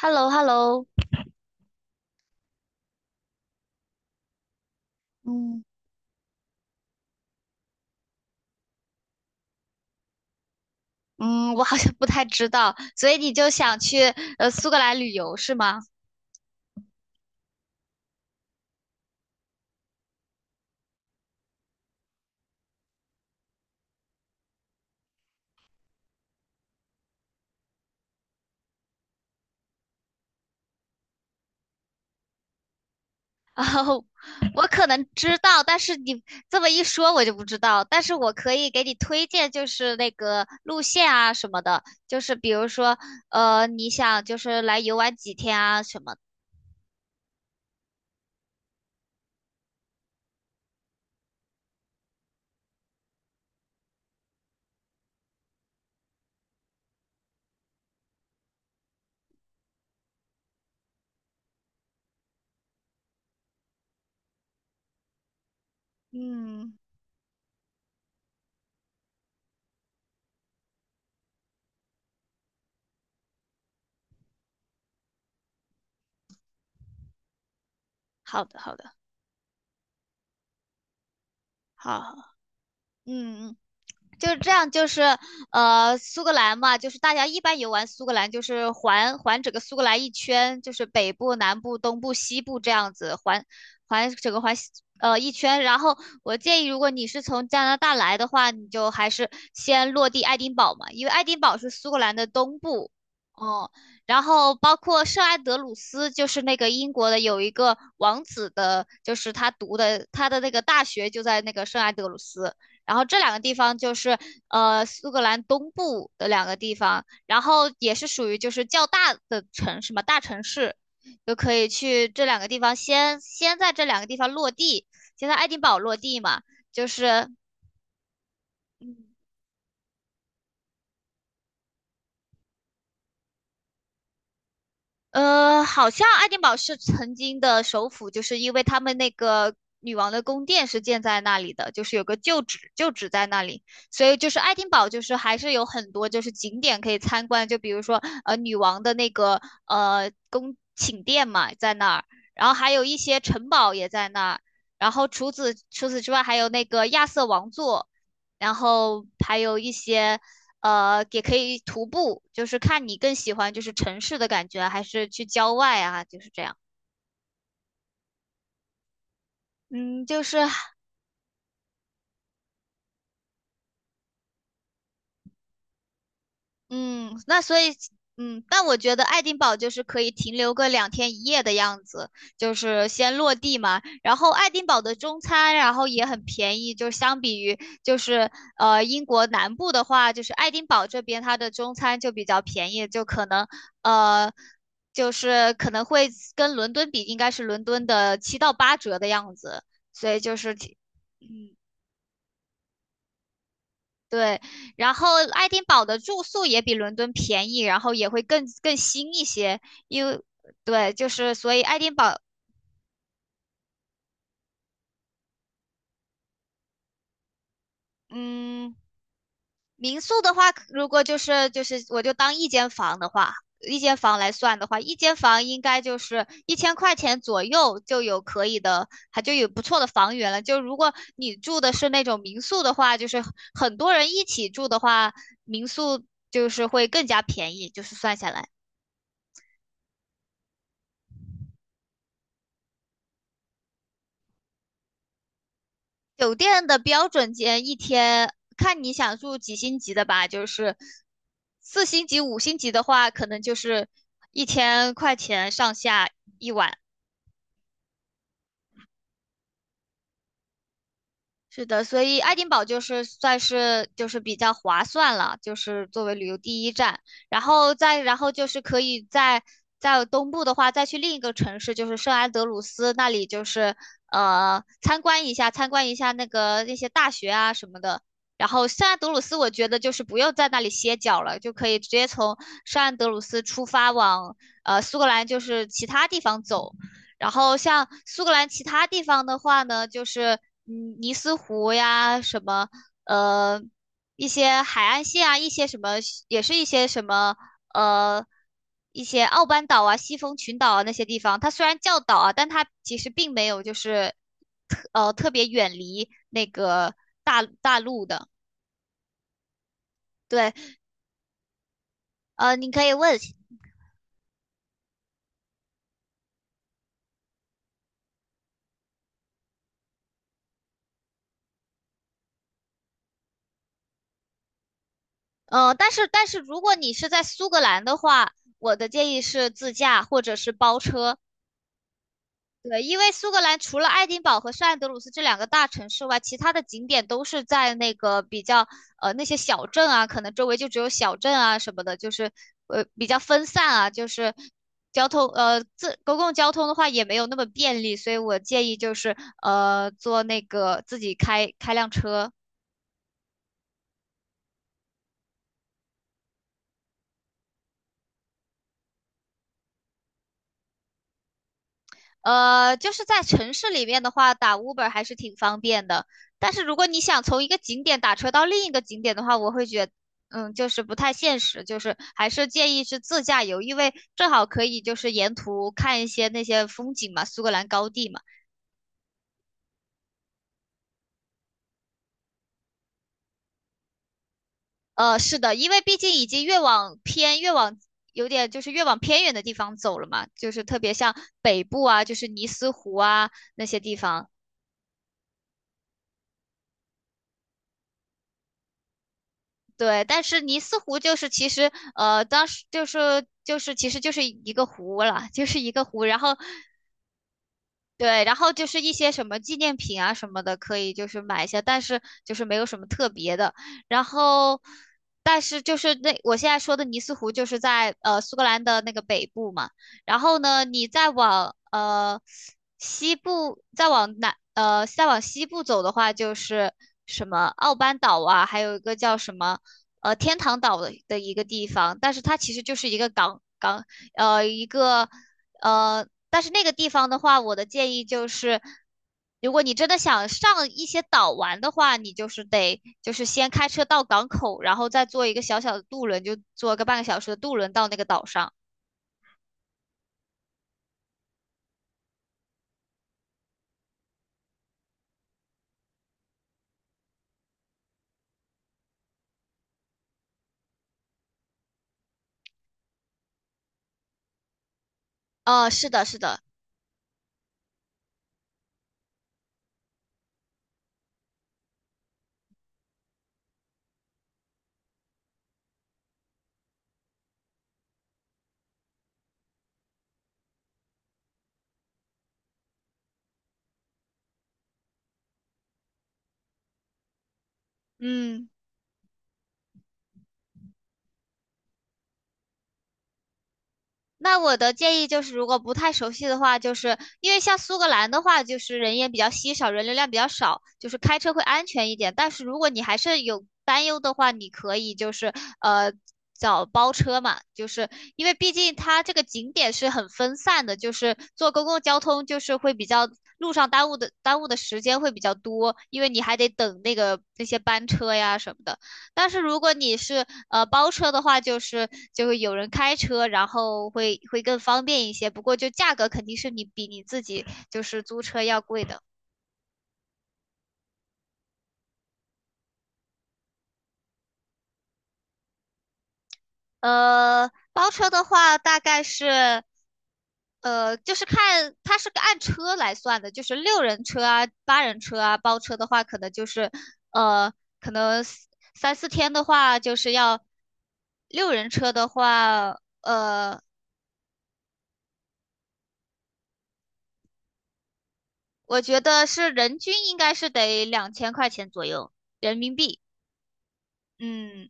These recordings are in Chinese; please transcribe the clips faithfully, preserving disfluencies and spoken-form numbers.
h e l l o h e l l o 嗯，嗯，我好像不太知道，所以你就想去呃苏格兰旅游是吗？然后我可能知道，但是你这么一说我就不知道，但是我可以给你推荐，就是那个路线啊什么的，就是比如说呃你想就是来游玩几天啊什么的嗯，好的好的，好，嗯嗯。就是这样，就是呃，苏格兰嘛，就是大家一般游玩苏格兰，就是环环整个苏格兰一圈，就是北部、南部、东部、西部这样子环环整个环西呃一圈。然后我建议，如果你是从加拿大来的话，你就还是先落地爱丁堡嘛，因为爱丁堡是苏格兰的东部。哦、然后包括圣安德鲁斯，就是那个英国的有一个王子的，就是他读的他的那个大学就在那个圣安德鲁斯。然后这两个地方就是呃苏格兰东部的两个地方，然后也是属于就是较大的城市嘛，大城市，就可以去这两个地方先先在这两个地方落地，先在爱丁堡落地嘛，就是嗯呃，好像爱丁堡是曾经的首府，就是因为他们那个女王的宫殿是建在那里的，就是有个旧址，旧址在那里，所以就是爱丁堡就是还是有很多就是景点可以参观，就比如说呃女王的那个呃宫寝殿嘛在那儿，然后还有一些城堡也在那儿，然后除此除此之外还有那个亚瑟王座，然后还有一些。呃，也可以徒步，就是看你更喜欢就是城市的感觉啊还是去郊外啊，就是这样。嗯，就是嗯，那所以，嗯，但我觉得爱丁堡就是可以停留个两天一夜的样子，就是先落地嘛。然后爱丁堡的中餐，然后也很便宜，就相比于就是呃英国南部的话，就是爱丁堡这边它的中餐就比较便宜，就可能呃就是可能会跟伦敦比，应该是伦敦的七到八折的样子，所以就是挺，嗯。对，然后爱丁堡的住宿也比伦敦便宜，然后也会更更新一些，因为对，就是所以爱丁堡，嗯，民宿的话，如果就是就是我就当一间房的话，一间房来算的话，一间房应该就是一千块钱左右就有可以的，还就有不错的房源了。就如果你住的是那种民宿的话，就是很多人一起住的话，民宿就是会更加便宜，就是算下来。酒店的标准间一天，看你想住几星级的吧，就是四星级、五星级的话，可能就是一千块钱上下一晚。是的，所以爱丁堡就是算是就是比较划算了，就是作为旅游第一站，然后再然后就是可以在在东部的话，再去另一个城市，就是圣安德鲁斯那里，就是呃参观一下参观一下那个那些大学啊什么的。然后圣安德鲁斯，我觉得就是不用在那里歇脚了，就可以直接从圣安德鲁斯出发往呃苏格兰，就是其他地方走。然后像苏格兰其他地方的话呢，就是嗯尼斯湖呀，什么呃一些海岸线啊，一些什么也是一些什么呃一些奥班岛啊、西风群岛啊那些地方，它虽然叫岛啊，但它其实并没有就是特呃特别远离那个大大陆的。对，呃，你可以问，呃，但是但是如果你是在苏格兰的话，我的建议是自驾或者是包车，对，因为苏格兰除了爱丁堡和圣安德鲁斯这两个大城市外，其他的景点都是在那个比较呃那些小镇啊，可能周围就只有小镇啊什么的，就是呃比较分散啊，就是交通呃自公共交通的话也没有那么便利，所以我建议就是呃坐那个自己开开辆车。呃，就是在城市里面的话，打 Uber 还是挺方便的。但是如果你想从一个景点打车到另一个景点的话，我会觉得嗯，就是不太现实，就是还是建议是自驾游，因为正好可以就是沿途看一些那些风景嘛，苏格兰高地嘛。呃，是的，因为毕竟已经越往偏，越往有点就是越往偏远的地方走了嘛，就是特别像北部啊，就是尼斯湖啊那些地方。对，但是尼斯湖就是其实呃，当时就是就是其实就是一个湖了，就是一个湖，然后对，然后就是一些什么纪念品啊什么的，可以就是买一下，但是就是没有什么特别的。然后，但是就是那我现在说的尼斯湖，就是在呃苏格兰的那个北部嘛。然后呢，你再往呃西部，再往南呃再往西部走的话，就是什么奥班岛啊，还有一个叫什么呃天堂岛的的一个地方，但是它其实就是一个港港呃一个。呃，但是那个地方的话，我的建议就是，如果你真的想上一些岛玩的话，你就是得就是先开车到港口，然后再坐一个小小的渡轮，就坐个半个小时的渡轮到那个岛上。呃，是的，是的，嗯。那我的建议就是，如果不太熟悉的话，就是因为像苏格兰的话，就是人烟比较稀少，人流量比较少，就是开车会安全一点。但是如果你还是有担忧的话，你可以就是呃找包车嘛，就是因为毕竟它这个景点是很分散的，就是坐公共交通就是会比较路上耽误的耽误的时间会比较多，因为你还得等那个那些班车呀什么的。但是如果你是呃包车的话，就是就会有人开车，然后会会更方便一些。不过就价格肯定是你比你自己就是租车要贵的。呃，包车的话大概是，呃，就是看它是个按车来算的，就是六人车啊、八人车啊，包车的话可能就是呃，可能三三四天的话就是要六人车的话，呃，我觉得是人均应该是得两千块钱左右人民币。嗯，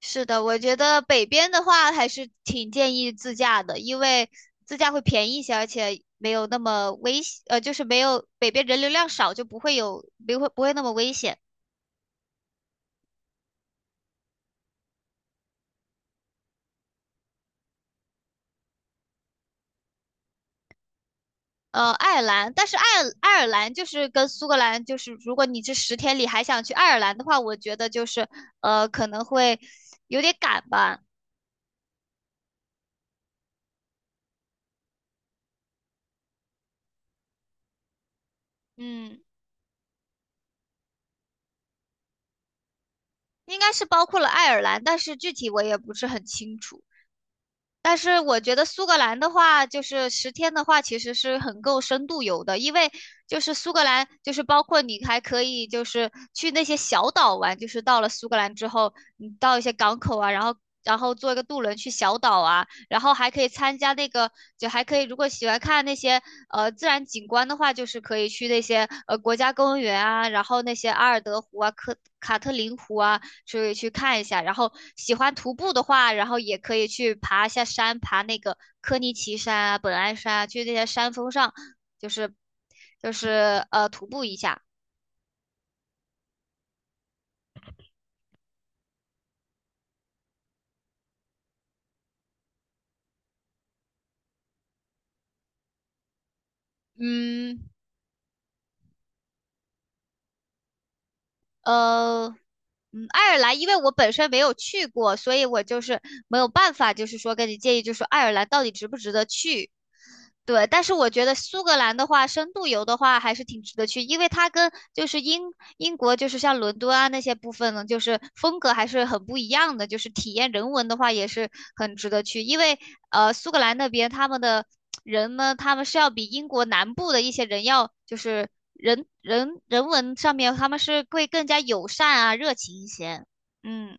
是的，我觉得北边的话还是挺建议自驾的，因为自驾会便宜一些，而且没有那么危险，呃，就是没有北边人流量少，就不会有，不会不会那么危险。呃，爱尔兰，但是爱尔爱尔兰就是跟苏格兰，就是如果你这十天里还想去爱尔兰的话，我觉得就是呃可能会有点赶吧。嗯。应该是包括了爱尔兰，但是具体我也不是很清楚。但是我觉得苏格兰的话，就是十天的话，其实是很够深度游的，因为就是苏格兰，就是包括你还可以就是去那些小岛玩，就是到了苏格兰之后，你到一些港口啊，然后然后坐一个渡轮去小岛啊，然后还可以参加那个，就还可以如果喜欢看那些呃自然景观的话，就是可以去那些呃国家公园啊，然后那些阿尔德湖啊、科卡特林湖啊，所以去看一下。然后喜欢徒步的话，然后也可以去爬一下山，爬那个科尼奇山啊、本莱山啊，去那些山峰上，就是就是呃徒步一下。嗯，呃，嗯，爱尔兰，因为我本身没有去过，所以我就是没有办法，就是说跟你建议，就是说爱尔兰到底值不值得去？对，但是我觉得苏格兰的话，深度游的话还是挺值得去，因为它跟就是英英国就是像伦敦啊那些部分呢，就是风格还是很不一样的，就是体验人文的话也是很值得去，因为呃苏格兰那边他们的。人呢，他们是要比英国南部的一些人要，就是人人人文上面，他们是会更加友善啊、热情一些。嗯，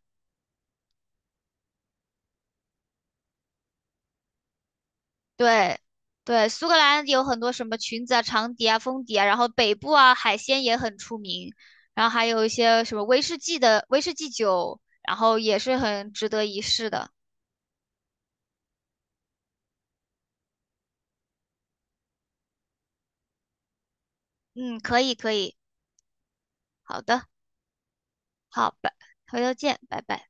对对，苏格兰有很多什么裙子啊、长笛啊、风笛啊，然后北部啊海鲜也很出名，然后还有一些什么威士忌的威士忌酒，然后也是很值得一试的。嗯，可以可以，好的，好，拜，回头见，拜拜。